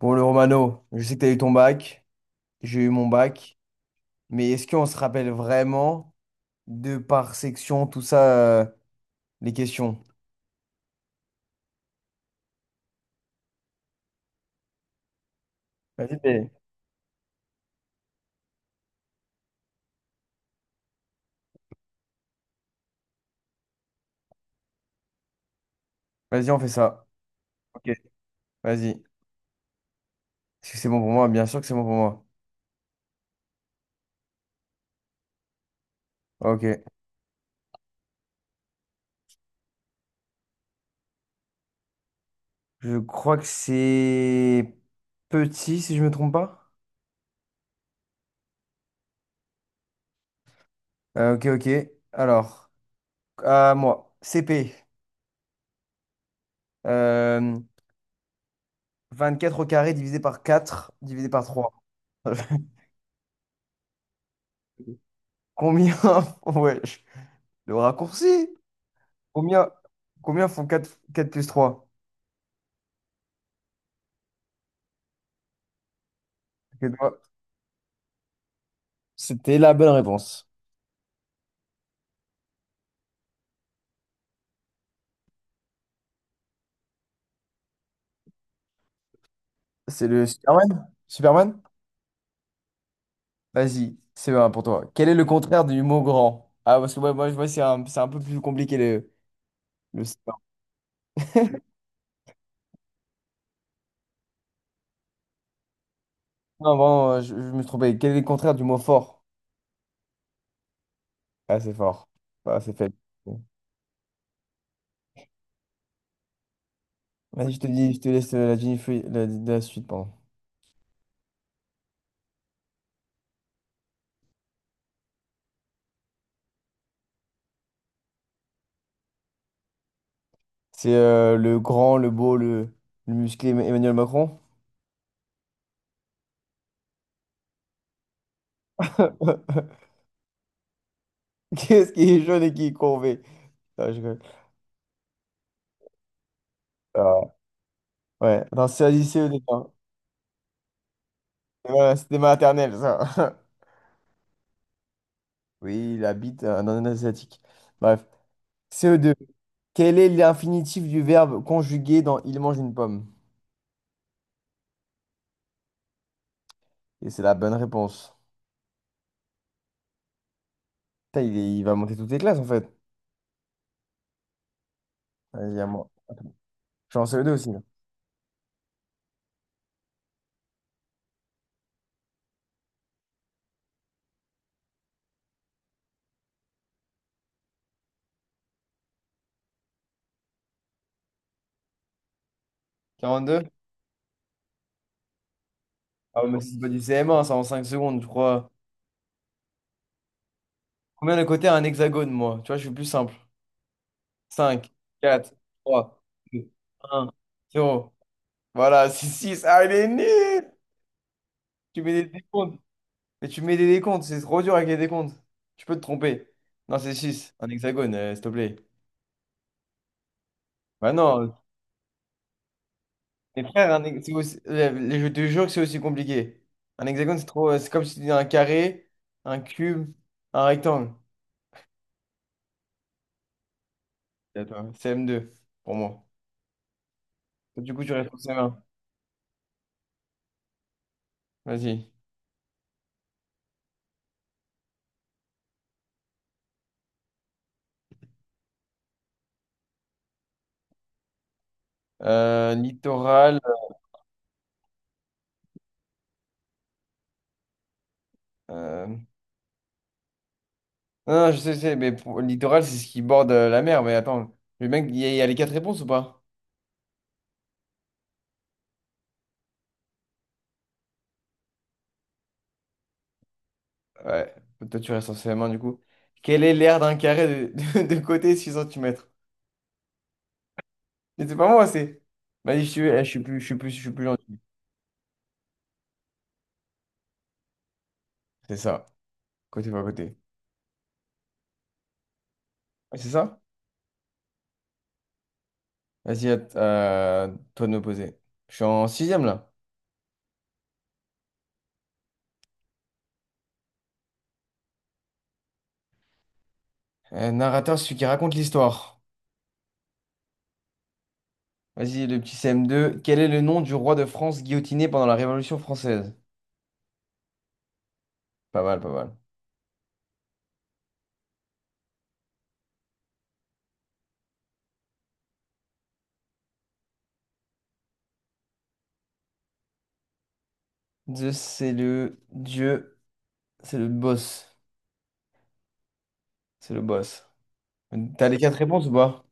Bon, le Romano, je sais que tu as eu ton bac, j'ai eu mon bac, mais est-ce qu'on se rappelle vraiment de par section, tout ça, euh, les questions? Vas-y, t'es- Vas-y, on fait ça. Ok. Vas-y. Est-ce que c'est bon pour moi? Bien sûr que c'est bon pour moi. Ok. Je crois que c'est petit, si je me trompe pas. Ok, ok. Alors, à moi, CP. Euh, 24 au carré divisé par 4, divisé par 3. Combien? Ouais, le raccourci. Combien, combien font quatre plus trois. C'était la bonne réponse. C'est le Superman? Superman? Vas-y, c'est bon pour toi. Quel est le contraire du mot grand? Ah, parce que ouais, moi, je vois, c'est un peu plus compliqué le Superman. Non, vraiment, je me suis trompé. Quel est le contraire du mot fort? Ah, c'est fort. Ah, c'est faible. Vas-y, je te dis, je te laisse la suite, pardon. C'est le grand, le beau, le musclé Emmanuel Macron. Qu'est-ce qui est jaune et qui est courbé? Non, je rigole. Ah. Ouais, non, c'est un lycée au départ. Voilà, c'était maternelle, ça. Oui, il habite dans un asiatique. Bref. CE2. Quel est l'infinitif du verbe conjugué dans il mange une pomme? Et c'est la bonne réponse. Putain, il va monter toutes les classes, en fait. Vas-y, à moi. Je suis en CE2 aussi, là. 42? Ah, ouais, mais c'est pas du CM1, ça, en 5 secondes, je crois. Combien de côtés a un hexagone, moi? Tu vois, je suis plus simple. Cinq, quatre, trois, deux, un, 0. Voilà, c'est six. Ah, il est nul! Tu mets des décomptes. Mais tu mets des décomptes, c'est trop dur avec les décomptes. Tu peux te tromper. Non, c'est six, un hexagone, s'il te plaît. Bah non, mes frères, un hex- c'est aussi- je te jure que c'est aussi compliqué. Un hexagone, c'est trop. C'est comme si tu disais un carré, un cube, un rectangle. C'est à toi, CM2, pour moi. Du coup, tu restes au CM1. Vas-y. Littoral. euh, Non, non, je sais, littoral, c'est ce qui borde la mer. Mais attends, le mec, il y a les quatre réponses ou pas? Ouais. Toi, tu restes en CM1 du coup. Quelle est l'aire d'un carré de, de, côté 6 cm? Mais c'est pas moi, c'est. Vas-y, je suis plus gentil. C'est ça. Côté par côté. Ouais, c'est ça? Vas-y, toi de me poser. Je suis en sixième là. Narrateur, celui qui raconte l'histoire. Vas-y, le petit CM2. Quel est le nom du roi de France guillotiné pendant la Révolution française? Pas mal, pas mal. Zeus, c'est le dieu, c'est le boss. C'est le boss. T'as les quatre réponses ou pas?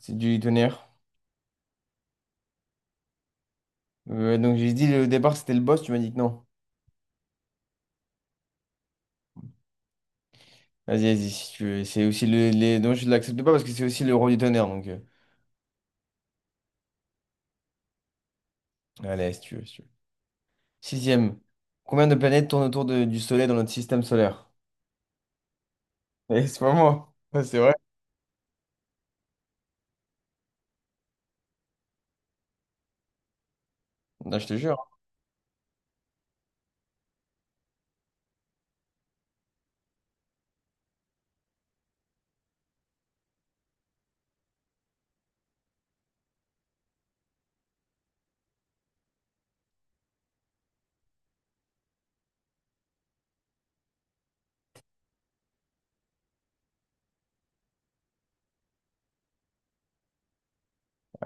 C'est du tonnerre. Donc j'ai dit au départ c'était le boss, tu m'as dit que non. Vas-y, vas-y, si tu veux. C'est aussi le, les. Donc je l'accepte pas parce que c'est aussi le roi du tonnerre. Donc allez, si tu veux, si tu veux. Sixième. Combien de planètes tournent autour du Soleil dans notre système solaire? Eh, c'est pas moi. Ouais, c'est vrai. Non, je te jure.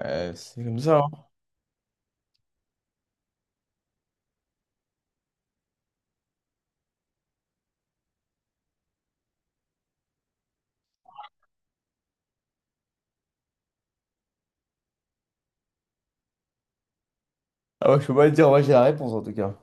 C'est comme ça, hein. Ah, ouais, je peux pas te dire, moi j'ai la réponse en tout cas.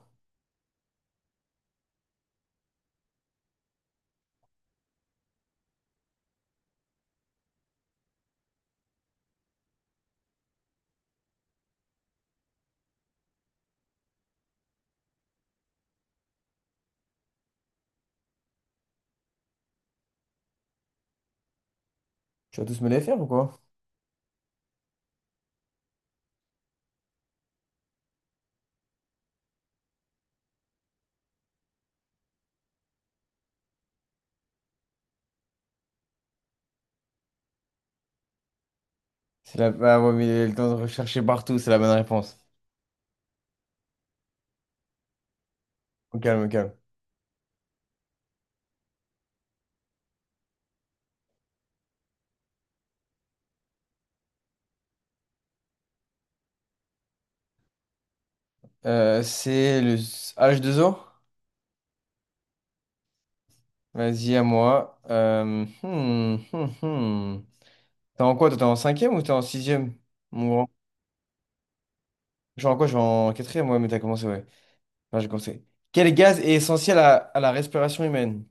Tu vas tous me les faire ou quoi? C'est la. Ah, ouais, mais il le temps de rechercher partout, c'est la bonne réponse. Au calme, au calme. C'est le H2O? Vas-y, à moi. Hmm, hmm, hmm. T'es en quoi? Toi, t'es en cinquième ou t'es en sixième? Mon grand. Je suis en quoi? Je suis en quatrième, ouais, mais t'as commencé, ouais. Enfin, j'ai commencé. Quel gaz est essentiel à la respiration humaine?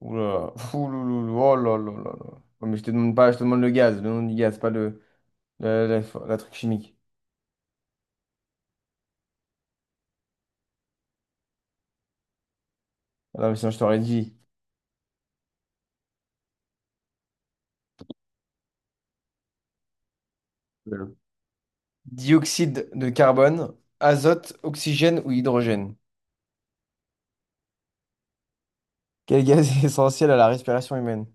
Ouh là là. Ouh là là là. Oh là là là là. Ouais, mais je te demande pas, je te demande le gaz, le nom du gaz, pas le, la- la- la truc chimique. Ah, non, mais sinon, je t'aurais dit. euh, Dioxyde de carbone, azote, oxygène ou hydrogène? Quel gaz est essentiel à la respiration humaine?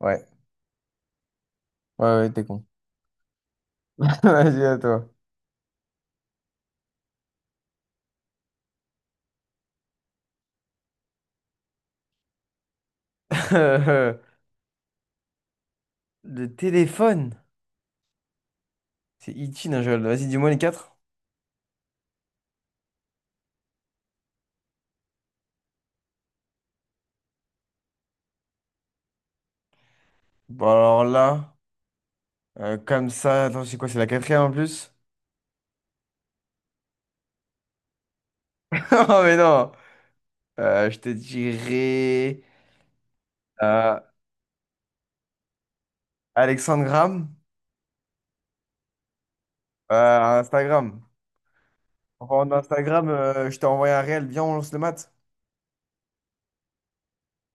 Ouais. Ouais, ouais, t'es con. Vas-y, à toi. Le téléphone. C'est Ichi Nigel. Vas-y, dis-moi les quatre. Bon, alors là, comme ça, attends, c'est quoi? C'est la quatrième en plus? Oh, mais non! Je te dirais euh, Alexandre Graham, Instagram. En parlant d'Instagram, je t'ai envoyé un réel, viens, on lance le mat.